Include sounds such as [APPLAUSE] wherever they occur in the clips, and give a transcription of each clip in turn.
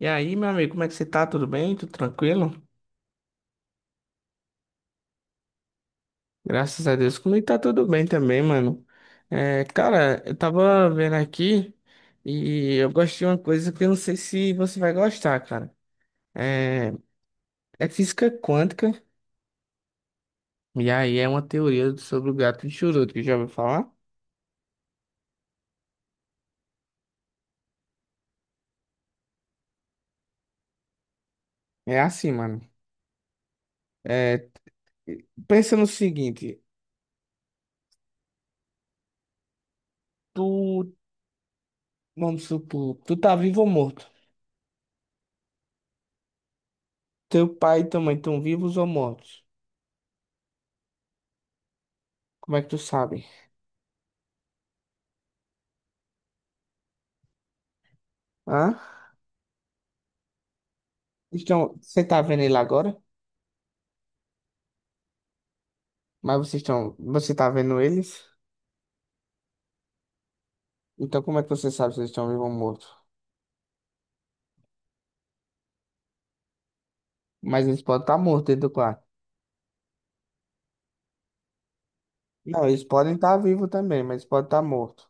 E aí, meu amigo, como é que você tá? Tudo bem? Tudo tranquilo? Graças a Deus, comigo tá tudo bem também, mano. Cara, eu tava vendo aqui e eu gosto de uma coisa que eu não sei se você vai gostar, cara. É, é física quântica, e aí é uma teoria sobre o gato de Schrödinger, que já ouviu falar? É assim, mano. É, pensa no seguinte, tu, vamos supor, tu tá vivo ou morto? Teu pai e tua mãe estão vivos ou mortos? Como é que tu sabe? Hã? Estão, você tá vendo ele agora? Mas vocês estão, você tá vendo eles? Então como é que você sabe se eles estão vivos ou mortos? Mas eles podem estar mortos dentro do quarto. Não, eles podem estar vivos também, mas podem estar mortos.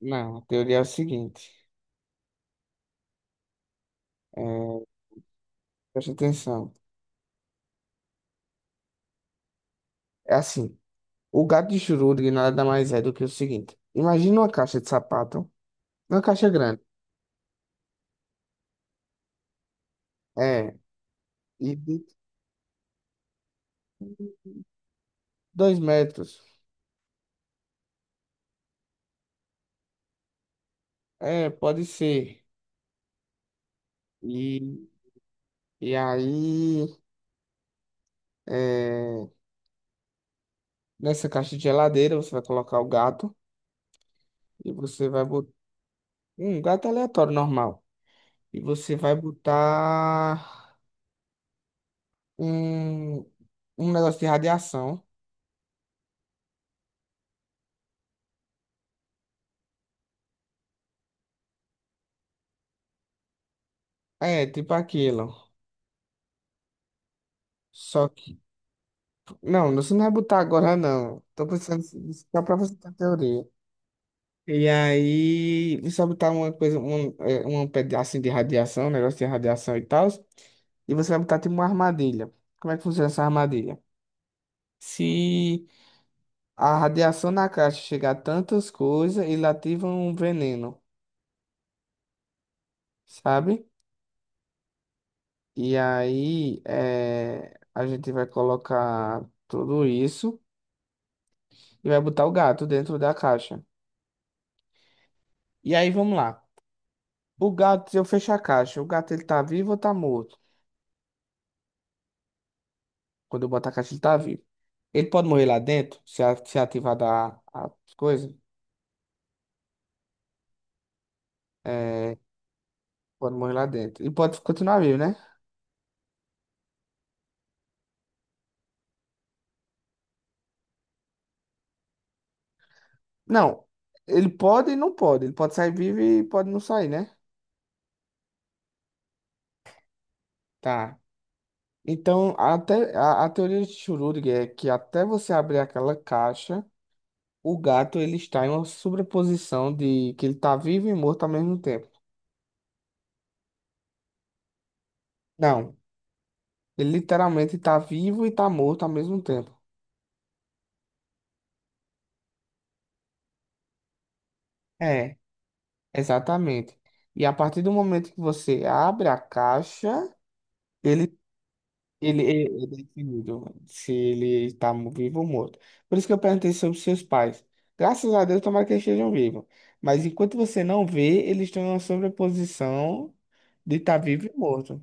Não, a teoria é o seguinte. É, preste atenção. É assim, o gato de Schrödinger nada mais é do que o seguinte. Imagina uma caixa de sapato, uma caixa grande. É, e de 2 metros. É, pode ser. E, e aí, é, nessa caixa de geladeira, você vai colocar o gato e você vai botar um gato aleatório normal. E você vai botar um, um negócio de radiação. É, tipo aquilo. Só que. Não, você não vai botar agora, não. Tô pensando assim, só pra você ter teoria. E aí, você vai botar uma coisa, um, um pedacinho de radiação, um negócio de radiação e tal. E você vai botar tipo uma armadilha. Como é que funciona essa armadilha? Se a radiação na caixa chega a tantas coisas e lativa um veneno, sabe? E aí a gente vai colocar tudo isso e vai botar o gato dentro da caixa. E aí vamos lá. O gato, se eu fechar a caixa, o gato ele tá vivo ou tá morto? Quando eu botar a caixa, ele tá vivo. Ele pode morrer lá dentro, se, se ativar da, as coisas. É, pode morrer lá dentro. E pode continuar vivo, né? Não. Ele pode e não pode. Ele pode sair vivo e pode não sair, né? Tá. Então, até a teoria de Schrödinger é que até você abrir aquela caixa, o gato ele está em uma sobreposição de que ele está vivo e morto ao mesmo tempo. Não, ele literalmente está vivo e está morto ao mesmo tempo. É, exatamente. E a partir do momento que você abre a caixa, ele ele é definido se ele está vivo ou morto. Por isso que eu perguntei sobre seus pais. Graças a Deus, tomara que eles estejam vivos. Mas enquanto você não vê, eles estão em uma sobreposição de estar vivo e morto.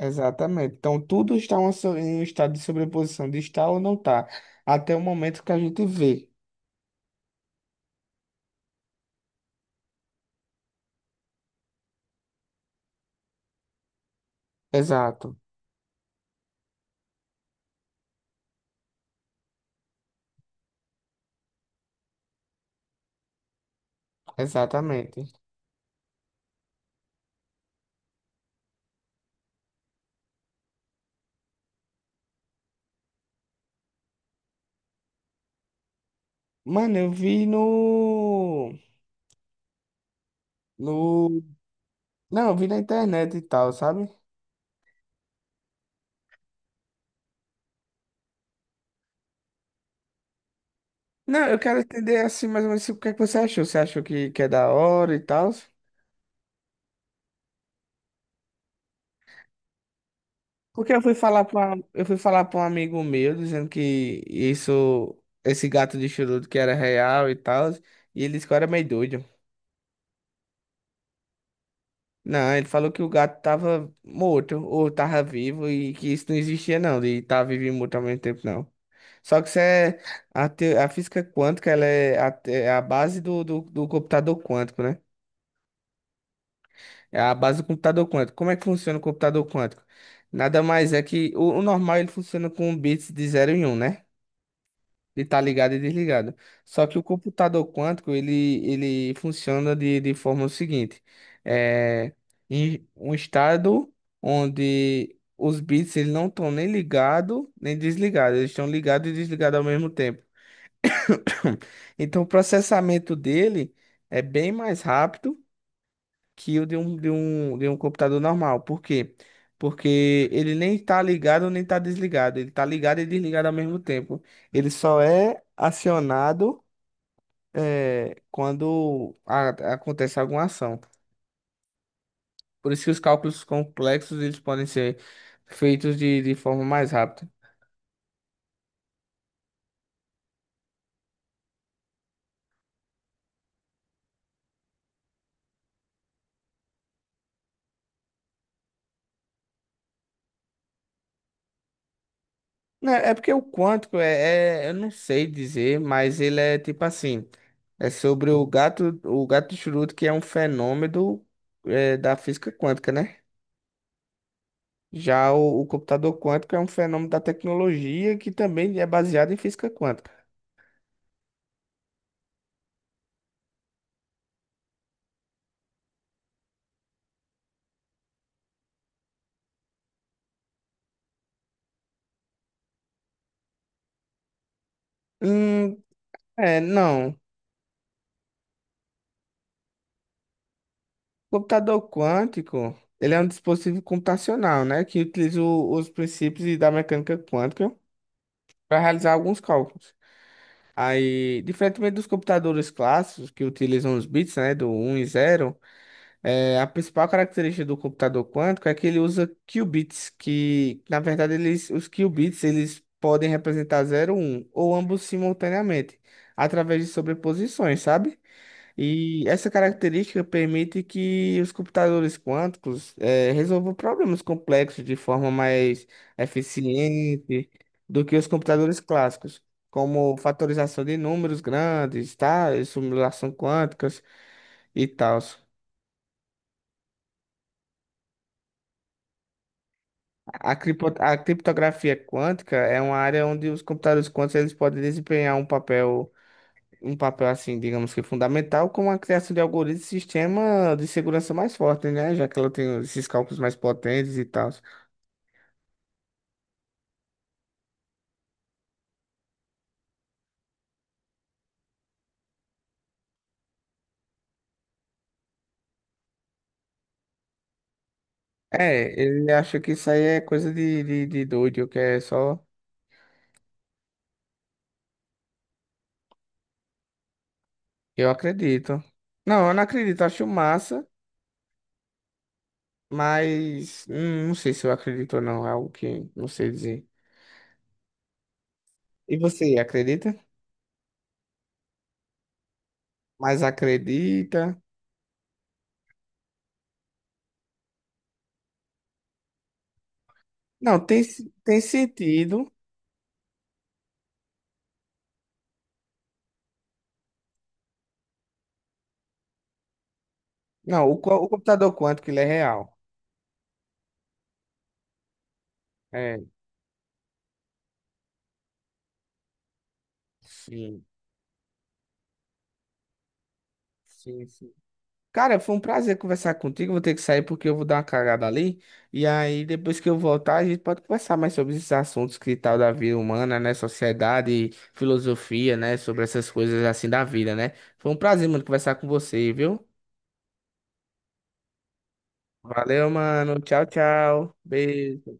Exatamente. Então, tudo está uma em um estado de sobreposição, de estar ou não estar, até o momento que a gente vê. Exato. Exatamente. Mano, eu vi no... Não, eu vi na internet e tal, sabe? Não, eu quero entender assim mais ou menos o que é que você achou. Você achou que é da hora e tal? Porque eu fui falar para um amigo meu dizendo que isso esse gato de charuto que era real e tal, e ele disse que eu era meio doido. Não, ele falou que o gato tava morto ou tava vivo e que isso não existia não, de estar vivo e morto ao mesmo tempo não. Só que isso é a física quântica, ela é é a base do computador quântico, né? É a base do computador quântico. Como é que funciona o computador quântico? Nada mais é que o normal ele funciona com bits de zero e um, né? De estar ligado e desligado. Só que o computador quântico ele funciona de forma seguinte: é em um estado onde os bits eles não estão nem ligado nem desligado, eles estão ligados e desligados ao mesmo tempo. [COUGHS] Então o processamento dele é bem mais rápido que o de um computador normal. Por quê? Porque ele nem está ligado nem está desligado. Ele está ligado e desligado ao mesmo tempo. Ele só é acionado quando acontece alguma ação. Por isso que os cálculos complexos eles podem ser feitos de forma mais rápida. Não, é porque o quântico eu não sei dizer, mas ele é tipo assim, é sobre o gato de Schrödinger, que é um fenômeno da física quântica, né? Já o computador quântico é um fenômeno da tecnologia que também é baseado em física quântica. Hum, é, não. Computador quântico, ele é um dispositivo computacional, né, que utiliza os princípios da mecânica quântica para realizar alguns cálculos. Aí, diferentemente dos computadores clássicos que utilizam os bits, né, do um e zero. É, a principal característica do computador quântico é que ele usa qubits, que na verdade eles, os qubits eles podem representar zero um ou ambos simultaneamente, através de sobreposições, sabe? E essa característica permite que os computadores quânticos resolvam problemas complexos de forma mais eficiente do que os computadores clássicos, como fatorização de números grandes, tá? E simulação quânticas e tal. A criptografia quântica é uma área onde os computadores quânticos eles podem desempenhar um papel assim, digamos que fundamental, como a criação de algoritmos e sistema de segurança mais forte, né? Já que ela tem esses cálculos mais potentes e tal. É, ele acha que isso aí é coisa de doido, que é só. Eu acredito. Não, eu não acredito, acho massa, mas não sei se eu acredito ou não, é algo que não sei dizer. E você acredita? Mas acredita? Não, tem, tem sentido. Não, o computador quântico, ele é real. É, sim, sim, sim. Cara, foi um prazer conversar contigo. Vou ter que sair porque eu vou dar uma cagada ali. E aí, depois que eu voltar, a gente pode conversar mais sobre esses assuntos que tal da vida humana, né? Sociedade, filosofia, né? Sobre essas coisas assim da vida, né? Foi um prazer, mano, conversar com você, viu? Valeu, mano. Tchau, tchau. Beijo.